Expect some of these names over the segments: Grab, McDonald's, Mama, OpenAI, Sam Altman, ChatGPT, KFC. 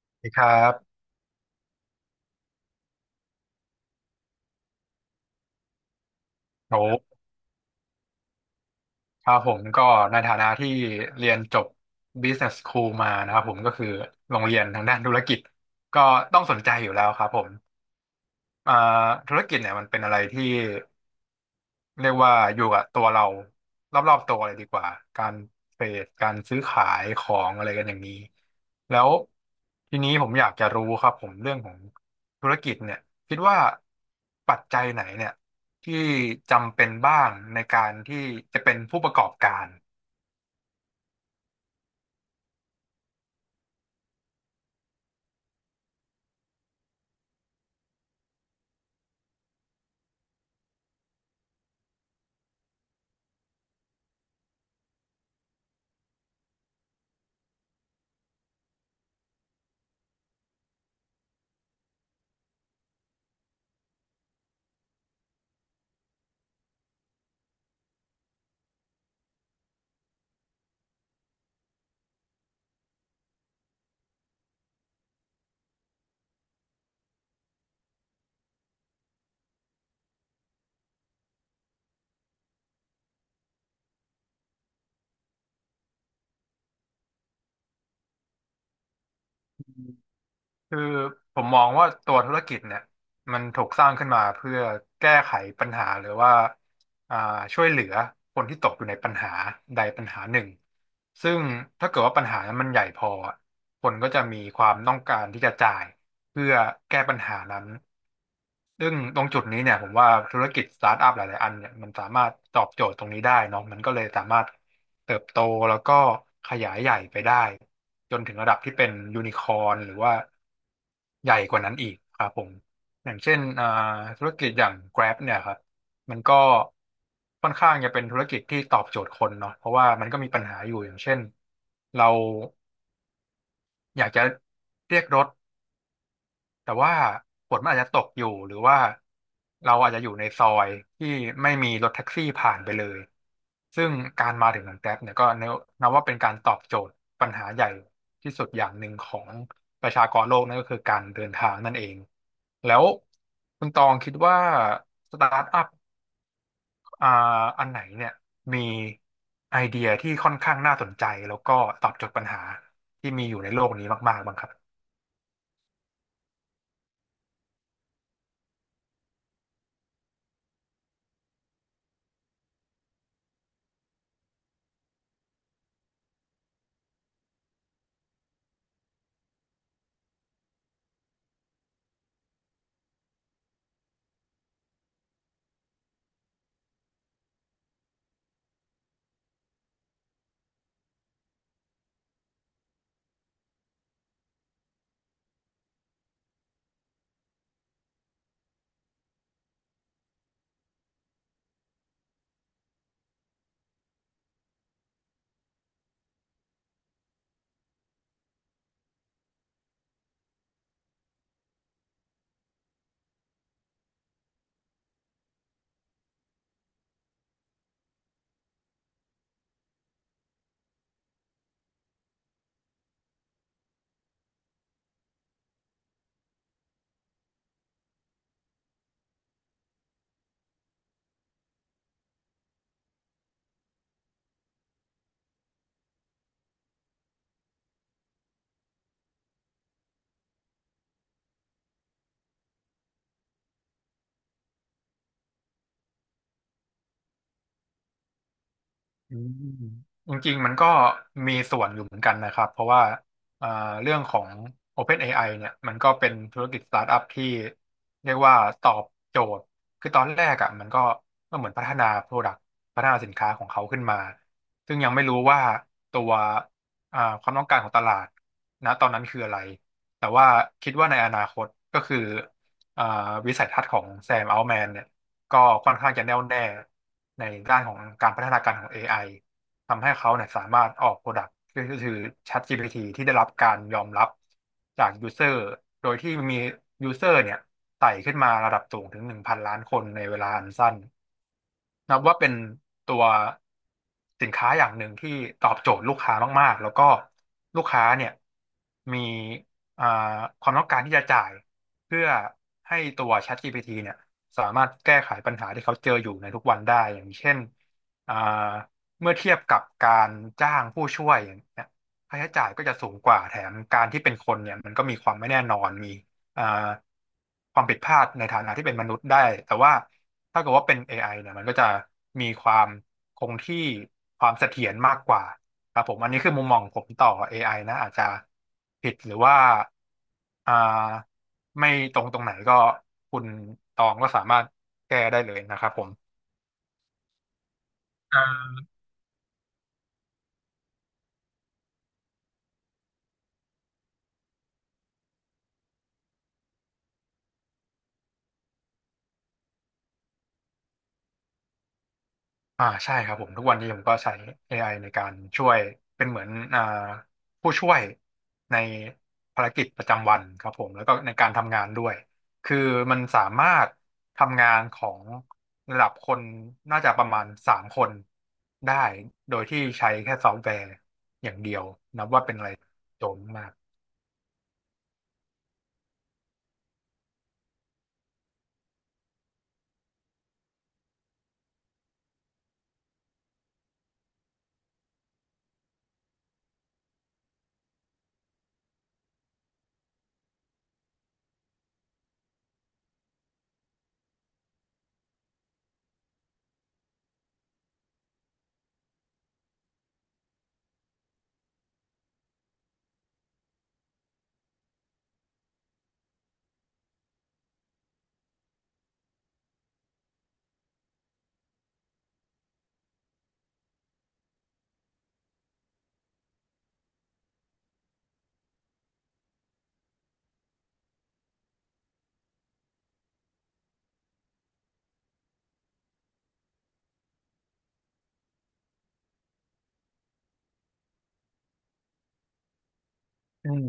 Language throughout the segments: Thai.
สวัสดีครับโอ้ครับผมก็ในฐานะที่เรียนจบ Business School มานะครับผมก็คือโรงเรียนทางด้านธุรกิจก็ต้องสนใจอยู่แล้วครับผมอ่าธุรกิจเนี่ยมันเป็นอะไรที่ เรียกว่าอยู่กับตัวเรารอบๆตัวเลยดีกว่าการเทรดการซื้อขายของอะไรกันอย่างนี้แล้วทีนี้ผมอยากจะรู้ครับผมเรื่องของธุรกิจเนี่ยคิดว่าปัจจัยไหนเนี่ยที่จำเป็นบ้างในการที่จะเป็นผู้ประกอบการ คือผมมองว่าตัวธุรกิจเนี่ยมันถูกสร้างขึ้นมาเพื่อแก้ไขปัญหาหรือว่าอ่าช่วยเหลือคนที่ตกอยู่ในปัญหาใดปัญหาหนึ่งซึ่งถ้าเกิดว่าปัญหานั้นมันใหญ่พออะคนก็จะมีความต้องการที่จะจ่ายเพื่อแก้ปัญหานั้น ซึ่งตรงจุดนี้เนี่ยผมว่าธุรกิจสตาร์ทอัพหลาย ๆอันเนี่ยมันสามารถตอบโจทย์ตรงนี้ได้เนาะมันก็เลยสามารถเติบโตแล้วก็ขยายใหญ่ไปได้จนถึงระดับที่เป็นยูนิคอ n หรือว่าใหญ่กว่านั้นอีกครับผมอย่างเช่นธุรกิจอย่าง Grab เนี่ยครับมันก็ค่อนข้างจะเป็นธุรกิจที่ตอบโจทย์คนเนาะเพราะว่ามันก็มีปัญหาอยู่อย่างเช่นเราอยากจะเรียกรถ แต่ว่าฝนมันอาจจะตกอยู่หรือว่าเราอาจจะอยู่ในซอยที่ไม่มีรถแท็กซี่ผ่านไปเลยซึ่งการมาถึงของแกร็บเนี่ยก็นับว่าเป็นการตอบโจทย์ปัญหาใหญ่ที่สุดอย่างหนึ่งของประชากรโลกนั่นก็คือการเดินทางนั่นเองแล้วคุณตองคิดว่าสตาร์ทอัพอ่าอันไหนเนี่ยมีไอเดียที่ค่อนข้างน่าสนใจแล้วก็ตอบโจทย์ปัญหาที่มีอยู่ในโลกนี้มากๆบ้างครับ อืมจริงๆมันก็มีส่วนอยู่เหมือนกันนะครับเพราะว่าเอ่อเรื่องของ OpenAI เนี่ยมันก็เป็นธุรกิจสตาร์ทอัพที่เรียกว่าตอบโจทย์คือตอนแรกอ่ะมันก็ก็เหมือนพัฒนา Product พัฒนาสินค้าของเขาขึ้นมาซึ่งยังไม่รู้ว่าตัวความต้องการของตลาดนะตอนนั้นคืออะไรแต่ว่าคิดว่าในอนาคตก็คืออ่าวิสัยทัศน์ของแซมอัลแมนเนี่ยก็ค่อนข้างจะแน่วแน่ ในด้านของการพัฒนาการของ AI ทำให้เขาเนี่ยสามารถออกโปรดักต์ก็คือ ChatGPT ที่ได้รับการยอมรับจากยูเซอร์โดยที่มียูเซอร์เนี่ยไต่ขึ้นมาระดับสูงถึง1,000ล้านคนในเวลาอันสั้น นับว่าเป็นตัวสินค้าอย่างหนึ่งที่ตอบโจทย์ลูกค้ามากๆ แล้วก็ลูกค้าเนี่ยมีอ่าความต้องการที่จะจ่ายเพื่อให้ตัว ChatGPT เนี่ยสามารถแก้ไขปัญหาที่เขาเจออยู่ในทุกวันได้อย่างเช่นอ่าเมื่อเทียบกับการจ้างผู้ช่วยอย่างเนี่ยค่าใช้จ่ายก็จะสูงกว่าแถมการที่เป็นคนเนี่ยมันก็มีความไม่แน่นอนมี อ่าความผิดพลาดในฐานะที่เป็นมนุษย์ได้ แต่ว่าถ้าเกิดว่าเป็น AI เนี่ยมันก็จะมีความคงที่ความเสถียรมากกว่าครับผมอันนี้คือมุมมองผมต่อ AI นะอาจจะผิดหรือว่าอ่าไม่ตรงตรงไหนก็คุณตองก็สามารถแก้ได้เลยนะครับผมอ่า ใช่ครับผมทุกวันนี้ผมก็ใช้ AI ในการช่วยเป็นเหมือนผู้ช่วยในภารกิจประจำวันครับผมแล้วก็ในการทำงานด้วยคือมันสามารถทำงานของระดับคนน่าจะประมาณสามคนได้โดยที่ใช้แค่ซอฟต์แวร์อย่างเดียวนับว่าเป็นอะไรโจมมากอืม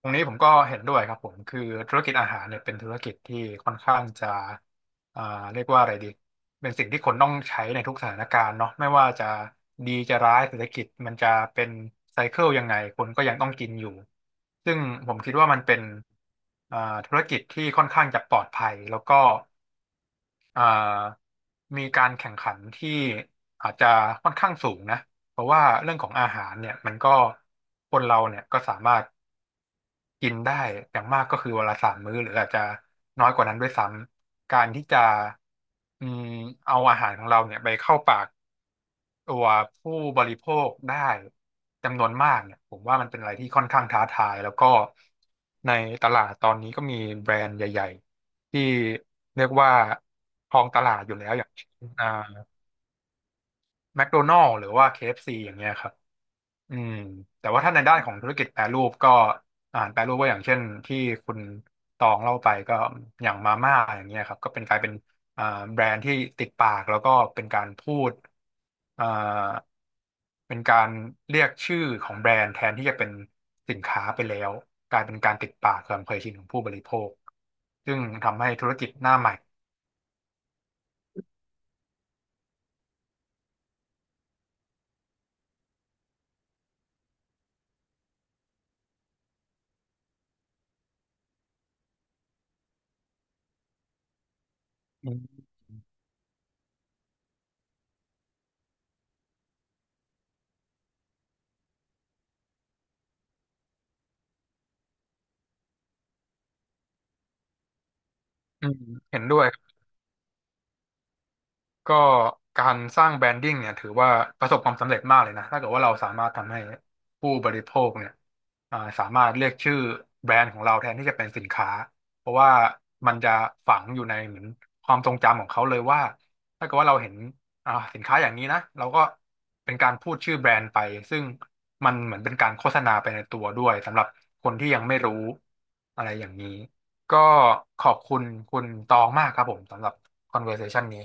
ตรงนี้ผมก็เห็นด้วยครับผมคือธุรกิจอาหารเนี่ยเป็นธุรกิจที่ค่อนข้างจะอ่าเรียกว่าอะไรดีเป็นสิ่งที่คนต้องใช้ในทุกสถานการณ์เนาะไม่ว่าจะดีจะร้ายเศรษฐกิจมันจะเป็นไซเคิลยังไงคนก็ยังต้องกินอยู่ซึ่งผมคิดว่ามันเป็นอ่าธุรกิจที่ค่อนข้างจะปลอดภัยแล้วก็อ่ามีการแข่งขันที่อาจจะค่อนข้างสูงนะเพราะว่าเรื่องของอาหารเนี่ยมันก็คนเราเนี่ยก็สามารถ กินได้อย่างมากก็คือวันละสามมื้อหรืออาจจะน้อยกว่านั้นด้วยซ้ำการที่จะอืมเอาอาหารของเราเนี่ยไปเข้าปากตัวผู้บริโภคได้จำนวนมากเนี่ยผมว่ามันเป็นอะไรที่ค่อนข้างท้าทายแล้วก็ในตลาดตอนนี้ก็มีแบรนด์ใหญ่ๆที่เรียกว่าครองตลาดอยู่แล้วอย่างเช่นแมคโดนัลด์หรือว่า KFC อฟซีอย่างเงี้ยครับ อืมแต่ว่าถ้าในด้านของธุรกิจแปรรูปก็อาหารแปรรูปก็อย่างเช่นที่คุณตองเล่าไปก็อย่างมาม่าอย่างเงี้ยครับก็เป็นกลายเป็นอ่าแบรนด์ที่ติดปากแล้วก็เป็นการพูดอ่าเป็นการเรียกชื่อของแบรนด์แทนที่จะเป็นสินค้าไปแล้วกลายเป็นการติดปากความเคยชินของผู้บริโภคซึ่งทำให้ธุรกิจหน้าใหม่อืมอืมเห็นด้วย ก็การสร้างแบรนดิ้งเนี่ยถือว่าประสบความสำเร็จมากเลยนะถ้าเกิดว่าเราสามารถทำให้ผู้บริโภคเนี่ยสามารถเรียกชื่อแบรนด์ของเราแทนที่จะเป็นสินค้าเพราะว่ามันจะฝังอยู่ในเหมือนความทรงจำของเขาเลยว่าถ้าเกิดว่าเราเห็นสินค้าอย่างนี้นะเราก็เป็นการพูดชื่อแบรนด์ไปซึ่งมันเหมือนเป็นการโฆษณาไปในตัวด้วยสำหรับคนที่ยังไม่รู้อะไรอย่างนี้ก็ขอบคุณคุณตองมากครับผมสำหรับ conversation นี้